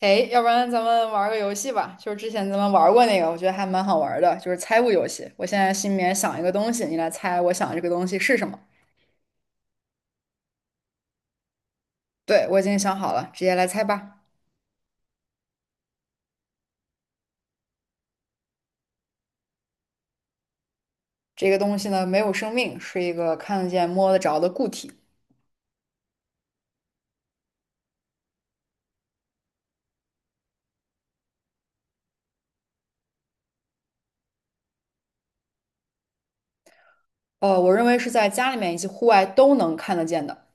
哎，要不然咱们玩个游戏吧，就是之前咱们玩过那个，我觉得还蛮好玩的，就是猜物游戏。我现在心里面想一个东西，你来猜我想这个东西是什么。对，我已经想好了，直接来猜吧。这个东西呢，没有生命，是一个看得见、摸得着的固体。我认为是在家里面以及户外都能看得见的。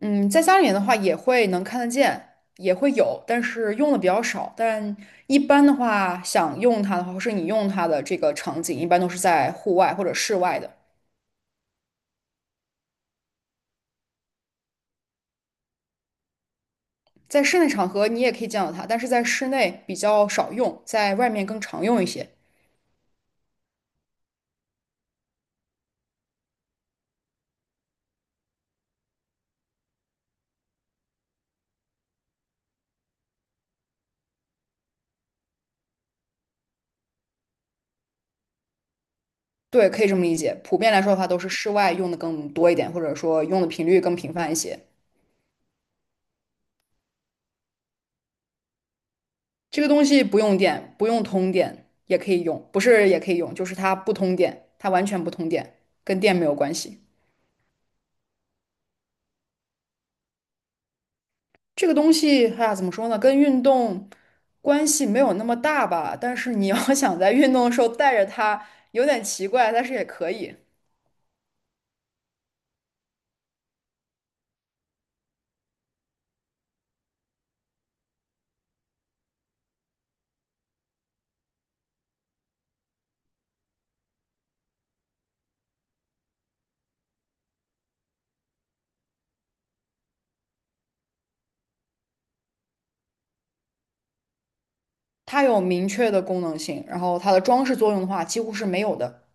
嗯，在家里面的话也会能看得见，也会有，但是用的比较少。但一般的话，想用它的话，或是你用它的这个场景，一般都是在户外或者室外的。在室内场合你也可以见到它，但是在室内比较少用，在外面更常用一些。对，可以这么理解。普遍来说的话，都是室外用的更多一点，或者说用的频率更频繁一些。这个东西不用电，不用通电也可以用，不是也可以用，就是它不通电，它完全不通电，跟电没有关系。这个东西，哎呀，怎么说呢？跟运动关系没有那么大吧，但是你要想在运动的时候带着它，有点奇怪，但是也可以。它有明确的功能性，然后它的装饰作用的话几乎是没有的。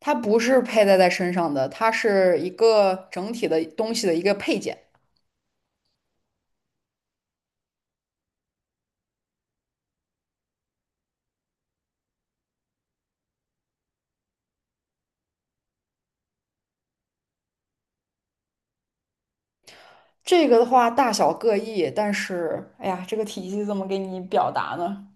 它不是佩戴在身上的，它是一个整体的东西的一个配件。这个的话大小各异，但是哎呀，这个体积怎么给你表达呢？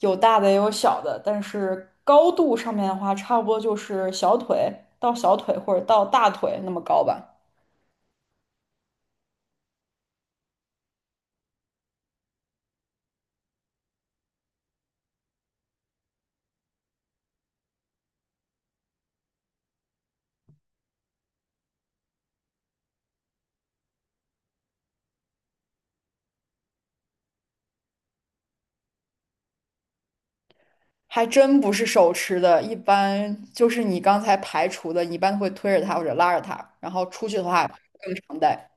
有大的也有小的，但是高度上面的话，差不多就是小腿或者到大腿那么高吧。还真不是手持的，一般就是你刚才排除的，你一般会推着它或者拉着它，然后出去的话更常戴。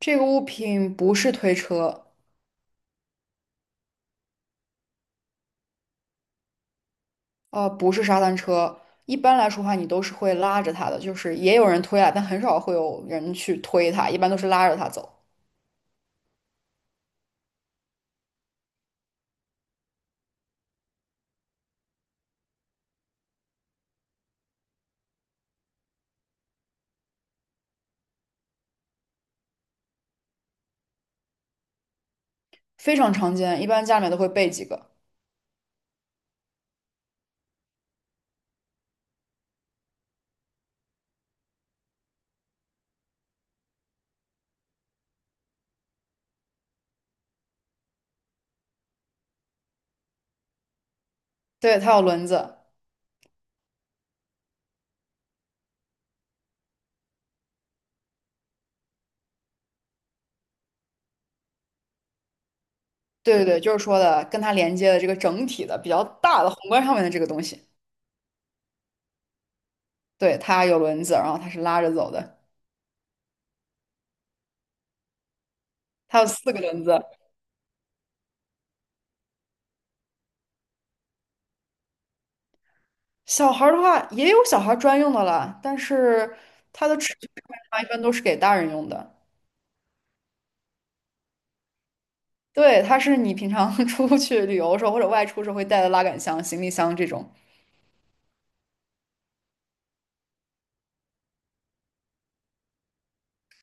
这个物品不是推车，不是沙滩车。一般来说的话，你都是会拉着它的，就是也有人推啊，但很少会有人去推它，一般都是拉着它走，非常常见。一般家里面都会备几个。对，它有轮子。对对对，就是说的跟它连接的这个整体的比较大的宏观上面的这个东西，对，它有轮子，然后它是拉着走的，它有四个轮子。小孩儿的话也有小孩儿专用的啦，但是它的尺寸上面的话一般都是给大人用的。对，它是你平常 出去旅游的时候或者外出时候会带的拉杆箱、行李箱这种。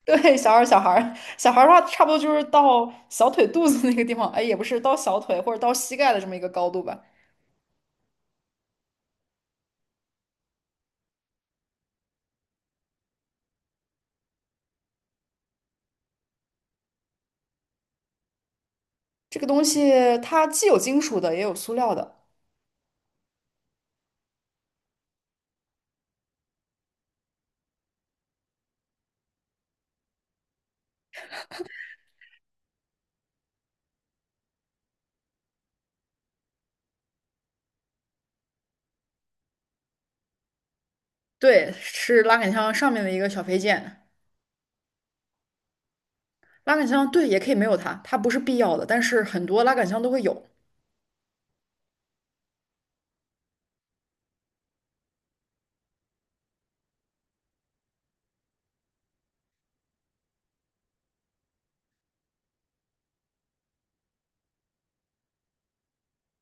对，小孩儿、小孩儿、小孩儿的话，差不多就是到小腿肚子那个地方，哎，也不是到小腿或者到膝盖的这么一个高度吧。这个东西它既有金属的，也有塑料的。对，是拉杆箱上面的一个小配件。拉杆箱对，也可以没有它，它不是必要的，但是很多拉杆箱都会有。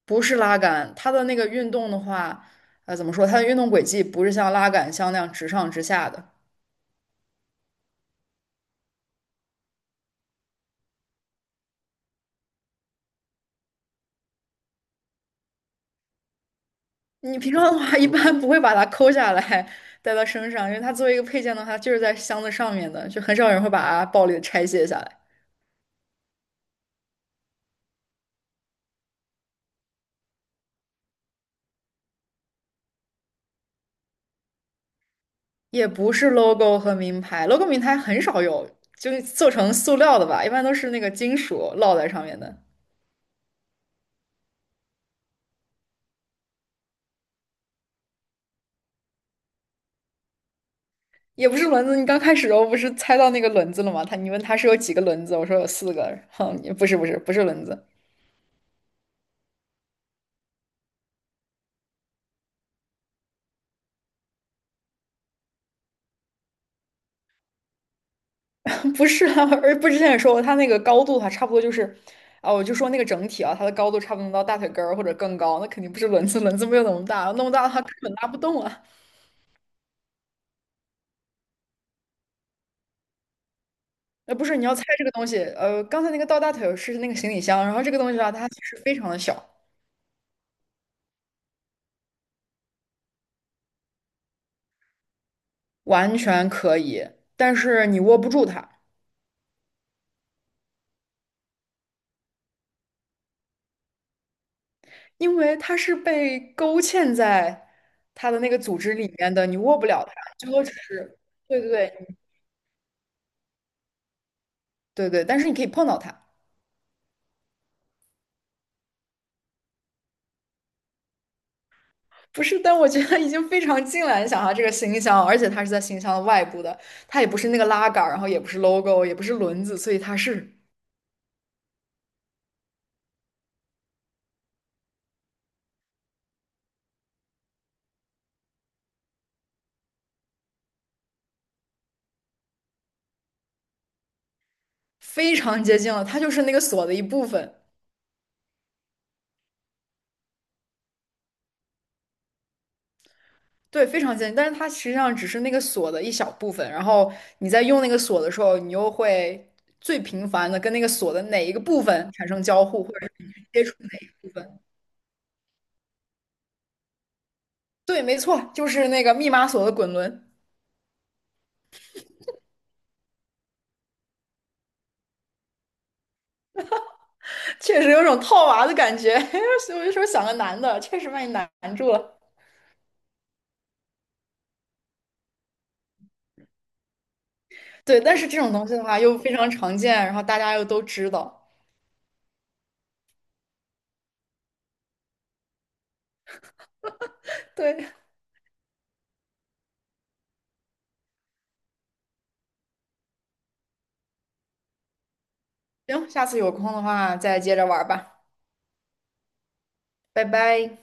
不是拉杆，它的那个运动的话，怎么说？它的运动轨迹不是像拉杆箱那样直上直下的。你平常的话一般不会把它抠下来带到身上，因为它作为一个配件的话，它就是在箱子上面的，就很少有人会把它暴力的拆卸下来。也不是 logo 和名牌，logo 名牌很少有，就做成塑料的吧，一般都是那个金属烙在上面的。也不是轮子，你刚开始的时候不是猜到那个轮子了吗？他你问他是有几个轮子，我说有四个，哼，后不是轮子。不是啊，而不是之前也说过，它那个高度的话，差不多就是，啊，我就说那个整体啊，它的高度差不多能到大腿根儿或者更高，那肯定不是轮子，轮子没有那么大，那么大的话根本拉不动啊。不是，你要猜这个东西，刚才那个到大腿是那个行李箱，然后这个东西的话，它其实非常的小，完全可以，但是你握不住它，因为它是被勾芡在它的那个组织里面的，你握不了它，最多只是，对对对对，但是你可以碰到它。不是，但我觉得已经非常近了。你想它这个新箱，而且它是在新箱的外部的，它也不是那个拉杆儿，然后也不是 logo,也不是轮子，所以它是非常接近了。它就是那个锁的一部分，对，非常接近。但是它实际上只是那个锁的一小部分。然后你在用那个锁的时候，你又会最频繁的跟那个锁的哪一个部分产生交互，或者是你去接触哪一个部分。对，没错，就是那个密码锁的滚轮，确实有种套娃的感觉。所以我就说想个难的，确实把你难住了。对，但是这种东西的话又非常常见，然后大家又都知道。对，行，下次有空的话再接着玩儿吧，拜拜。